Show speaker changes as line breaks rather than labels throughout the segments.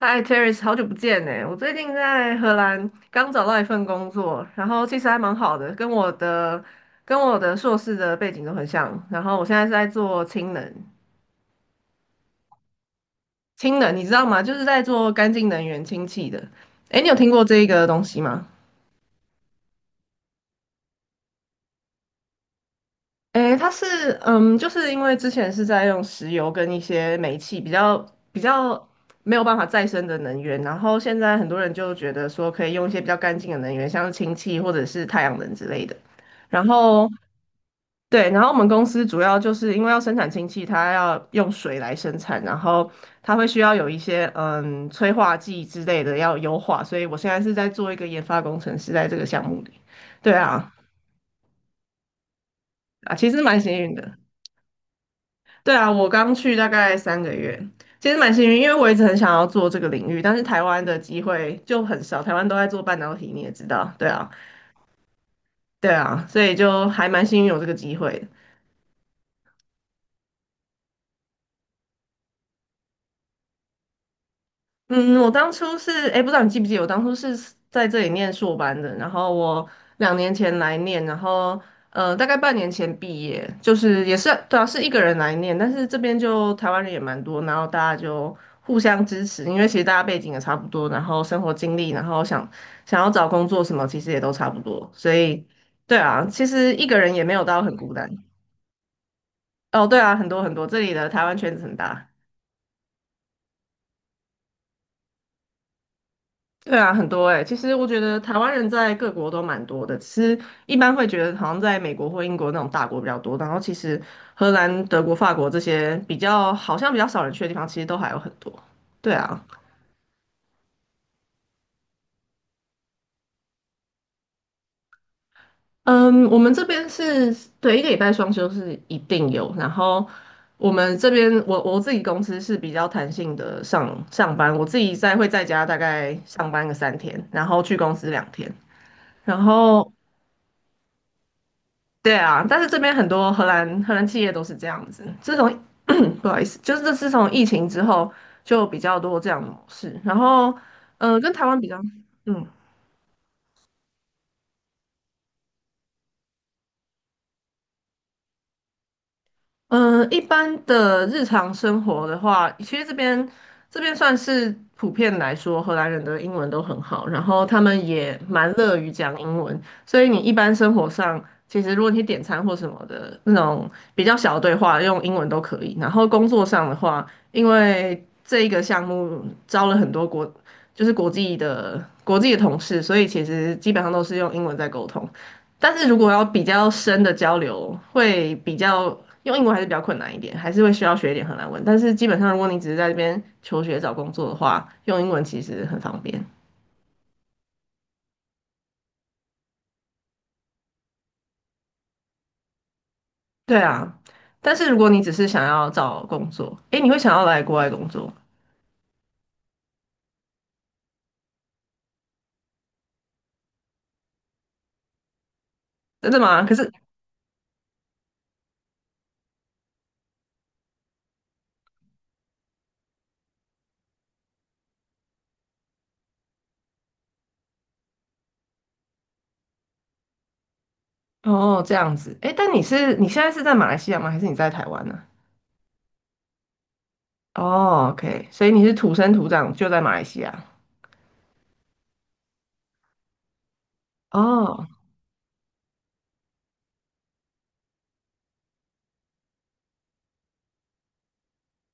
嗨，Terry，好久不见呢！我最近在荷兰刚找到一份工作，然后其实还蛮好的，跟我的硕士的背景都很像。然后我现在是在做氢能，氢能你知道吗？就是在做干净能源、氢气的。诶，你有听过这个东西吗？诶，它是嗯，就是因为之前是在用石油跟一些煤气比较没有办法再生的能源，然后现在很多人就觉得说可以用一些比较干净的能源，像是氢气或者是太阳能之类的。然后对，然后我们公司主要就是因为要生产氢气，它要用水来生产，然后它会需要有一些催化剂之类的要优化，所以我现在是在做一个研发工程师，在这个项目里。对啊，啊，其实蛮幸运的。对啊，我刚去大概三个月，其实蛮幸运，因为我一直很想要做这个领域，但是台湾的机会就很少，台湾都在做半导体，你也知道，对啊，对啊，所以就还蛮幸运有这个机会。嗯，我当初是，哎，不知道你记不记得，我当初是在这里念硕班的，然后我两年前来念，然后大概半年前毕业，就是也是对啊，是一个人来念，但是这边就台湾人也蛮多，然后大家就互相支持，因为其实大家背景也差不多，然后生活经历，然后想要找工作什么，其实也都差不多，所以对啊，其实一个人也没有到很孤单。哦，对啊，很多很多，这里的台湾圈子很大。对啊，很多哎、其实我觉得台湾人在各国都蛮多的，其是一般会觉得好像在美国或英国那种大国比较多，然后其实荷兰、德国、法国这些好像比较少人去的地方，其实都还有很多。对啊，嗯，我们这边是对一个礼拜双休是一定有，然后我们这边我自己公司是比较弹性的上班，我自己会在家大概上班个3天，然后去公司2天。然后对啊，但是这边很多荷兰企业都是这样子。自从嗯不好意思，就是自从疫情之后，就比较多这样的模式。然后，跟台湾比较，嗯，一般的日常生活的话，其实这边算是普遍来说，荷兰人的英文都很好，然后他们也蛮乐于讲英文，所以你一般生活上，其实如果你点餐或什么的那种比较小的对话，用英文都可以。然后工作上的话，因为这一个项目招了很多国，就是国际的同事，所以其实基本上都是用英文在沟通。但是如果要比较深的交流，会比较用英文还是比较困难一点，还是会需要学一点荷兰文。但是基本上，如果你只是在这边求学找工作的话，用英文其实很方便。对啊，但是如果你只是想要找工作，诶，你会想要来国外工作，真的吗？可是哦，这样子，诶，但你现在是在马来西亚吗？还是你在台湾呢？哦，OK，所以你是土生土长就在马来西亚。哦，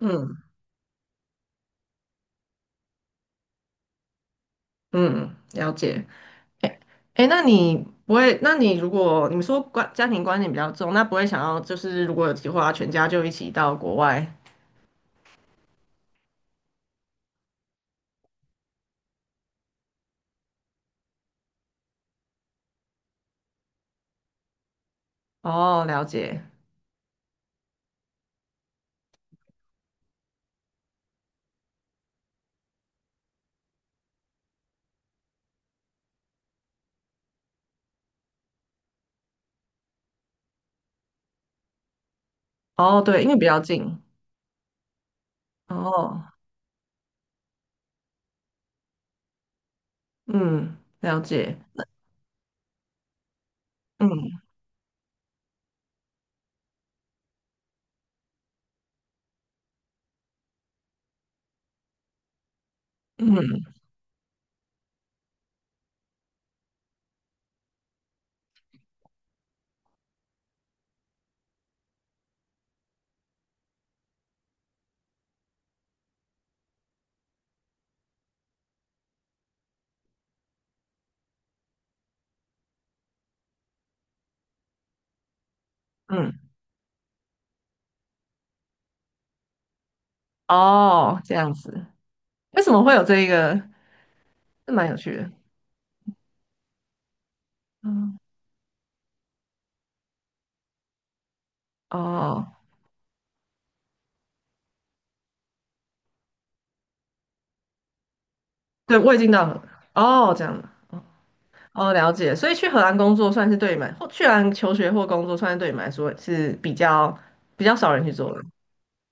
嗯嗯，了解。哎哎，那你不会？那你如果你说关家庭观念比较重，那不会想要就是如果有计划，全家就一起到国外？哦，了解。哦，对，因为比较近。哦，嗯，了解。嗯嗯嗯。哦，这样子。为什么会有这一个？这蛮有趣的。嗯，哦，对，我已经到了。哦，这样的。哦，了解。所以去荷兰工作算是对你们，或去荷兰求学或工作，算是对你们来说是比较少人去做的。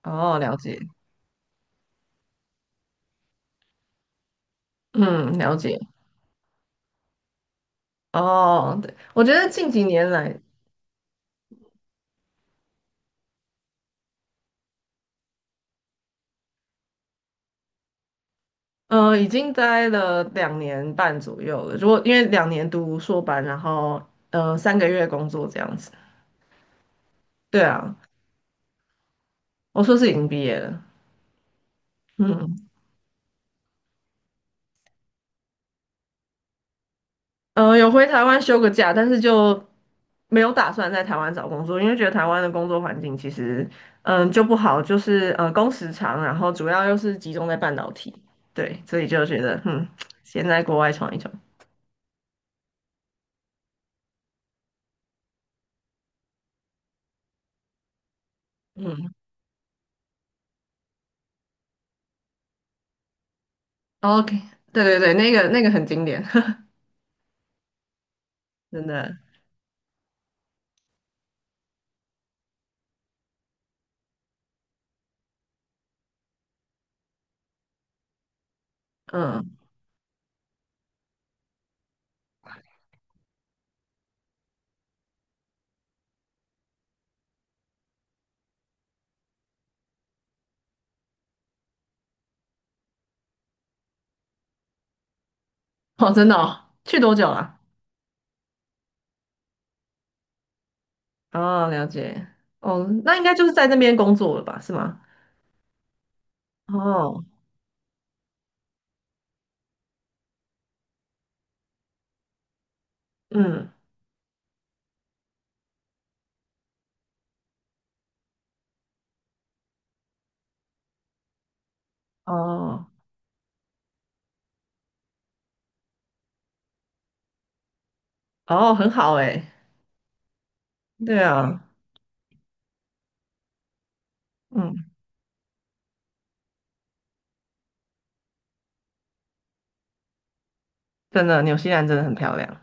哦，了解，嗯，了解，哦，对，我觉得近几年来，已经待了2年半左右了。如果因为两年读硕班，然后三个月工作这样子，对啊，我硕士已经毕业了，嗯，有回台湾休个假，但是就没有打算在台湾找工作，因为觉得台湾的工作环境其实就不好，就是工时长，然后主要又是集中在半导体，对，所以就觉得先在国外闯一闯。嗯。哦 OK，对对对，那个很经典，真的，嗯，哦，真的哦，去多久了？哦，了解，哦，那应该就是在那边工作了吧，是吗？哦，嗯，哦，哦，很好诶，对啊，嗯，真的，纽西兰真的很漂亮。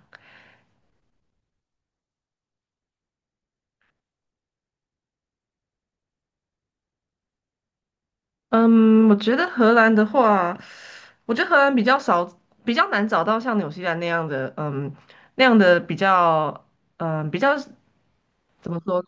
嗯，我觉得荷兰的话，我觉得荷兰比较少，比较难找到像纽西兰那样的，那样的比较怎么说？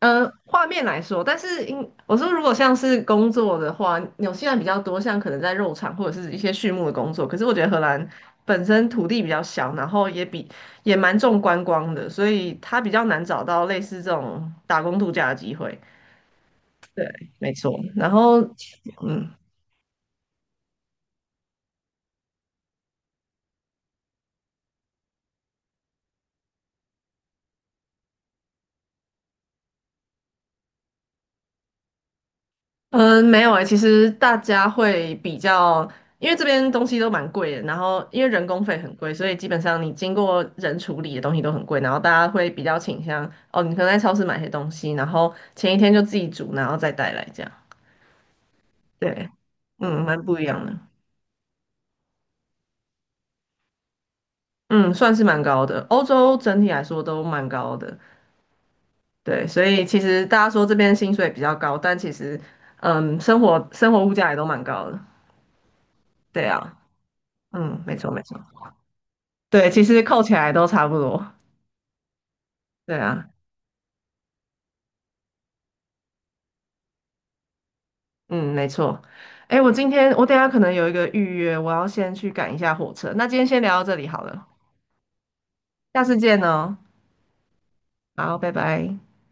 画面来说，但是因我说如果像是工作的话，纽西兰比较多，像可能在肉场或者是一些畜牧的工作。可是我觉得荷兰本身土地比较小，然后也蛮重观光的，所以它比较难找到类似这种打工度假的机会。对，没错。然后，嗯，嗯，没有诶，其实大家会比较，因为这边东西都蛮贵的，然后因为人工费很贵，所以基本上你经过人处理的东西都很贵，然后大家会比较倾向，哦，你可能在超市买些东西，然后前一天就自己煮，然后再带来这样。对，蛮不一样的，嗯，算是蛮高的，欧洲整体来说都蛮高的，对，所以其实大家说这边薪水比较高，但其实，生活物价也都蛮高的，对啊，嗯，没错没错。对，其实扣起来都差不多。对啊，嗯，没错。哎，我今天我等一下可能有一个预约，我要先去赶一下火车。那今天先聊到这里好了，下次见哦。好，拜拜。